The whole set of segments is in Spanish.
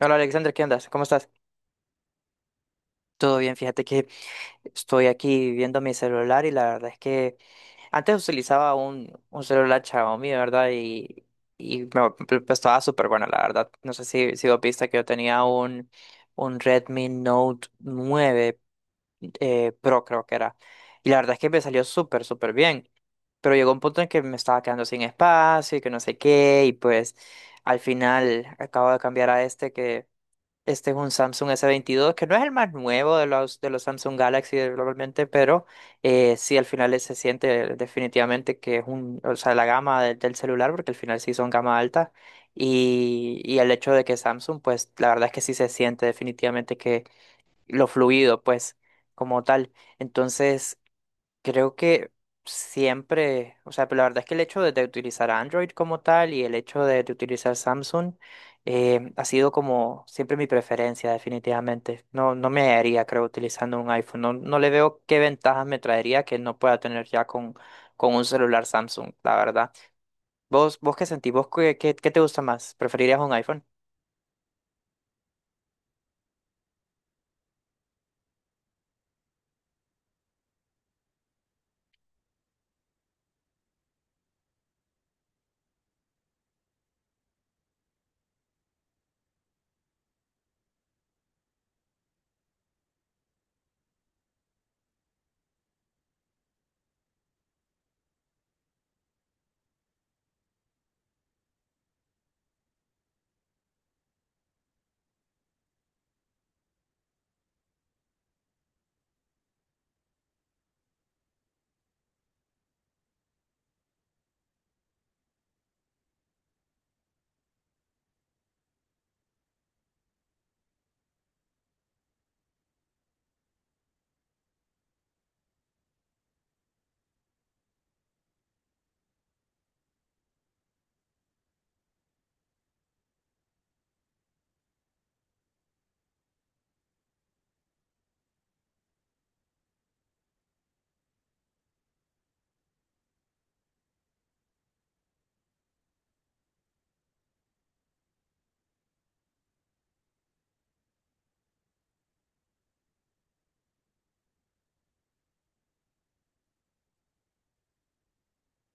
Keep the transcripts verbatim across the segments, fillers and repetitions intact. Hola Alexander, ¿qué andas? ¿Cómo estás? Todo bien, fíjate que estoy aquí viendo mi celular y la verdad es que antes utilizaba un, un celular Xiaomi, ¿verdad? Y, y me, me- estaba súper bueno, la verdad. No sé si, si vos viste que yo tenía un, un Redmi Note nueve eh, Pro, creo que era. Y la verdad es que me salió súper, súper bien. Pero llegó un punto en que me estaba quedando sin espacio y que no sé qué. Y pues al final acabo de cambiar a este Este Es un Samsung s veintidós que no es el más nuevo de los, de los Samsung Galaxy globalmente, pero eh, sí al final se siente definitivamente que es un, o sea, la gama de- del celular, porque al final sí son gama alta, y, y el hecho de que Samsung, pues la verdad es que sí se siente definitivamente que lo fluido, pues como tal. Entonces, Creo que siempre, o sea, pero la verdad es que el hecho de, de utilizar Android como tal y el hecho de, de utilizar Samsung eh, ha sido como siempre mi preferencia, definitivamente. No, no me haría, creo, utilizando un iPhone. No, no le veo qué ventajas me traería que no pueda tener ya con, con un celular Samsung, la verdad. ¿Vos, vos qué sentís? ¿Vos qué, qué, qué te gusta más? ¿Preferirías un iPhone?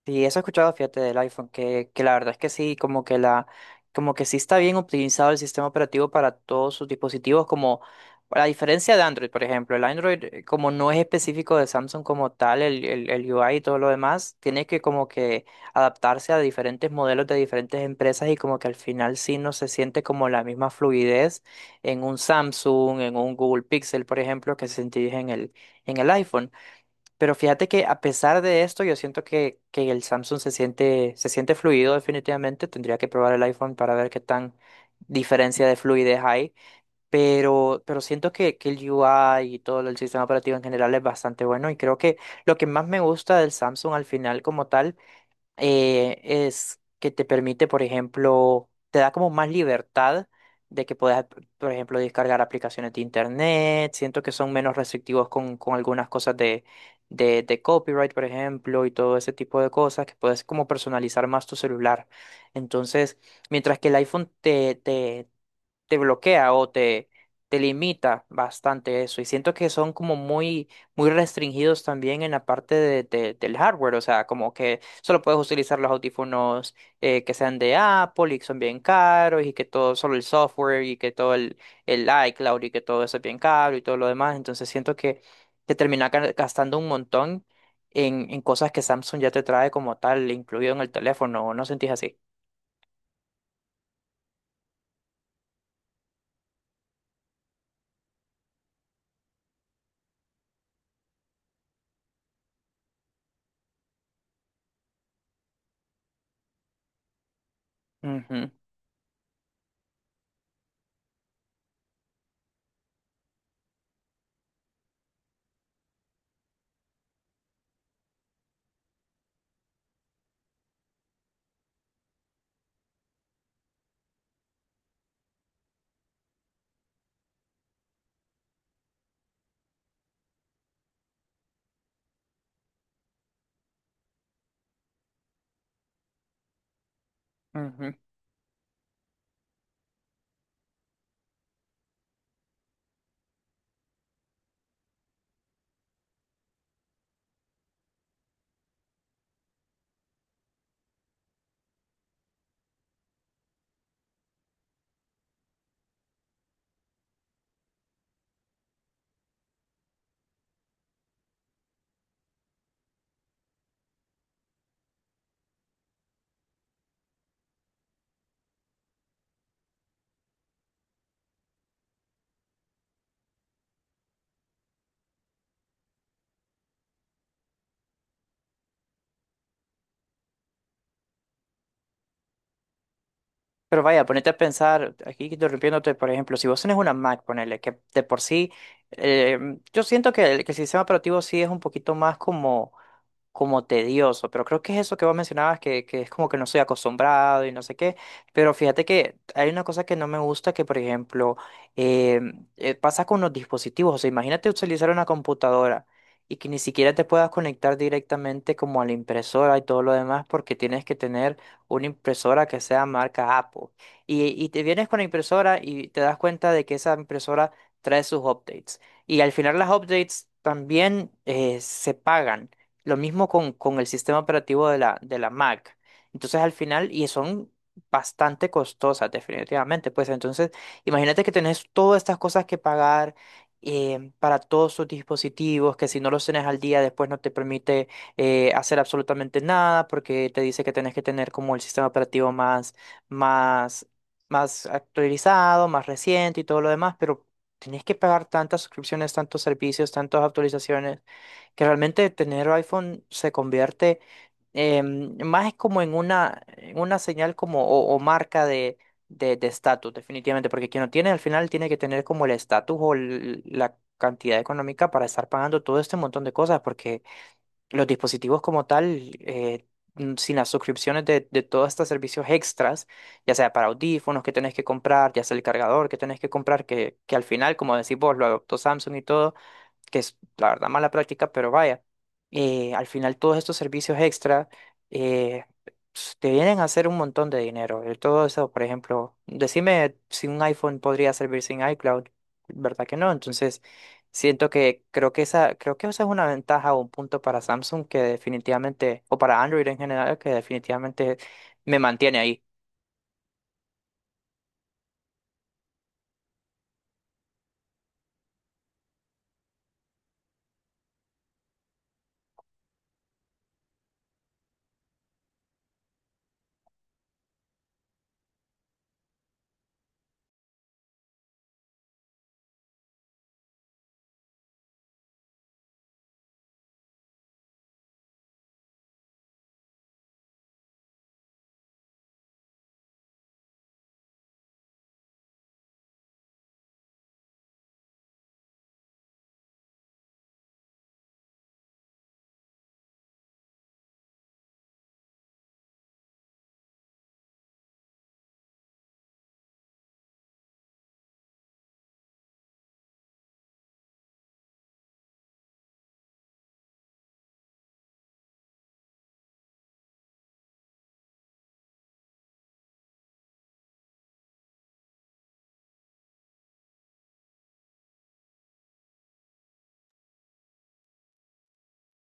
Sí, eso he escuchado, fíjate, del iPhone, que, que la verdad es que sí, como que la, como que sí está bien optimizado el sistema operativo para todos sus dispositivos, como a diferencia de Android, por ejemplo, el Android, eh, como no es específico de Samsung como tal, el, el, el U I y todo lo demás, tiene que como que adaptarse a diferentes modelos de diferentes empresas y como que al final sí no se siente como la misma fluidez en un Samsung, en un Google Pixel, por ejemplo, que se sentís en el, en el iPhone. Pero fíjate que a pesar de esto, yo siento que, que el Samsung se siente, se siente fluido definitivamente. Tendría que probar el iPhone para ver qué tan diferencia de fluidez hay. Pero, pero siento que, que el U I y todo el sistema operativo en general es bastante bueno. Y creo que lo que más me gusta del Samsung al final como tal eh, es que te permite, por ejemplo, te da como más libertad de que puedas, por ejemplo, descargar aplicaciones de internet. Siento que son menos restrictivos con, con algunas cosas de, de, de copyright, por ejemplo, y todo ese tipo de cosas, que puedes como personalizar más tu celular. Entonces, mientras que el iPhone te, te, te bloquea o te, te limita bastante eso. Y siento que son como muy, muy restringidos también en la parte de, de- del hardware. O sea, como que solo puedes utilizar los audífonos eh, que sean de Apple y que son bien caros y que todo, solo el software y que todo el, el iCloud y que todo eso es bien caro y todo lo demás. Entonces siento que te termina ga- gastando un montón. En, en cosas que Samsung ya te trae como tal, incluido en el teléfono, ¿o no sentís así? Ujú, ujú. Pero vaya, ponete a pensar, aquí interrumpiéndote, por ejemplo, si vos tenés una Mac, ponele, que de por sí, eh, yo siento que el, que el sistema operativo sí es un poquito más como como tedioso, pero creo que es eso que vos mencionabas, que, que es como que no estoy acostumbrado y no sé qué, pero fíjate que hay una cosa que no me gusta, que por ejemplo eh, eh, pasa con los dispositivos, o sea, imagínate utilizar una computadora y que ni siquiera te puedas conectar directamente como a la impresora y todo lo demás, porque tienes que tener una impresora que sea marca Apple. Y, y te vienes con la impresora y te das cuenta de que esa impresora trae sus updates. Y al final las updates también eh, se pagan. Lo mismo con, con el sistema operativo de la, de la Mac. Entonces, al final, y son bastante costosas, definitivamente. Pues entonces, imagínate que tenés todas estas cosas que pagar eh, para todos sus dispositivos, que si no los tenés al día, después no te permite eh, hacer absolutamente nada, porque te dice que tenés que tener como el sistema operativo más, más, más actualizado, más reciente y todo lo demás, pero tenés que pagar tantas suscripciones, tantos servicios, tantas actualizaciones que realmente tener iPhone se convierte em, más es como en una, en una señal como o, o marca de de de estatus, definitivamente, porque quien lo tiene al final tiene que tener como el estatus o el- la cantidad económica para estar pagando todo este montón de cosas, porque los dispositivos como tal, eh, mm, sin las suscripciones de, de todos estos servicios extras, ya sea para audífonos que tenés que comprar, ya sea el cargador que tenés que comprar, que, que al final, como decís vos, lo adoptó Samsung y todo que es la verdad mala práctica, pero vaya, eh, al final todos estos servicios extra eh, s- te vienen a hacer un montón de dinero. Eh, Todo eso, por ejemplo, decime si un iPhone podría servir sin iCloud, ¿verdad que no? Entonces, siento que creo que esa, creo que esa es una ventaja o un punto para Samsung que definitivamente, o para Android en general, que definitivamente me mantiene ahí.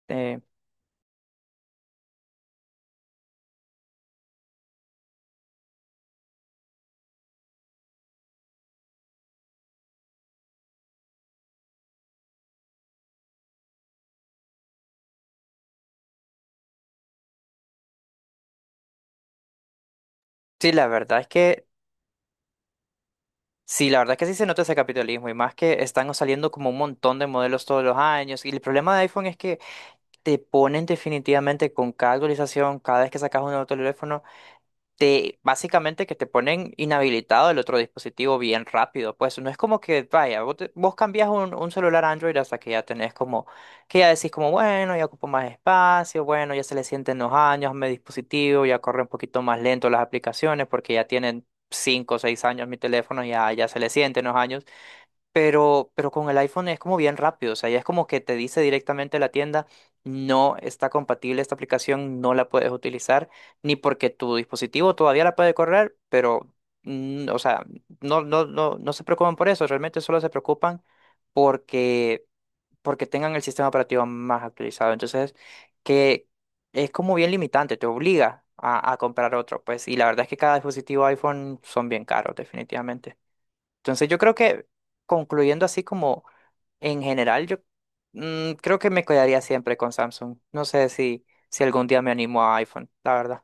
Eh, sí, la verdad es que sí, la verdad que sí se nota ese capitalismo y más que están saliendo como un montón de modelos todos los años. Y el problema de iPhone es que te ponen definitivamente con cada actualización, cada vez que sacas un nuevo teléfono te básicamente que te ponen inhabilitado el otro dispositivo bien rápido. Pues no es como que, vaya, vos, te- vos cambias un, un celular Android hasta que ya tenés como, que ya decís como, bueno, ya ocupo más espacio, bueno, ya se le sienten los años a mi dispositivo, ya corre un poquito más lento las aplicaciones porque ya tienen cinco o seis años mi teléfono, ya, ya se le sienten los años. Pero, pero con el iPhone es como bien rápido, o sea, ya es como que te dice directamente la tienda, no está compatible esta aplicación, no la puedes utilizar, ni porque tu dispositivo todavía la puede correr, pero, mm, o sea, no, no, no, no se preocupan por eso, realmente solo se preocupan porque, porque tengan el sistema operativo más actualizado. Entonces, que es como bien limitante, te obliga a, a comprar otro, pues, y la verdad es que cada dispositivo iPhone son bien caros, definitivamente. Entonces yo creo que concluyendo así como en general, yo mm, creo que me quedaría siempre con Samsung. No sé si, si algún día me animo a iPhone, la verdad.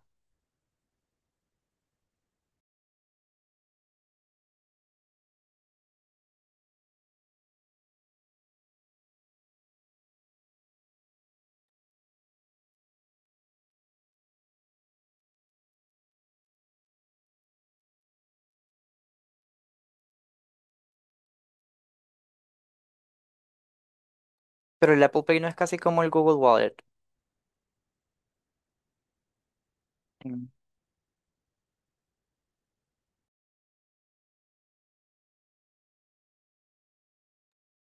Pero el Apple Pay no es casi como el Google Wallet. Mm,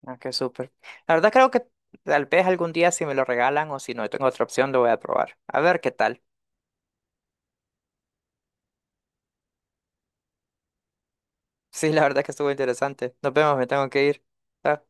ah, qué súper. La verdad creo que tal vez algún día si me lo regalan o si no tengo otra opción lo voy a probar. A ver qué tal. Sí, la verdad que estuvo interesante. Nos vemos, me tengo que ir. Chao.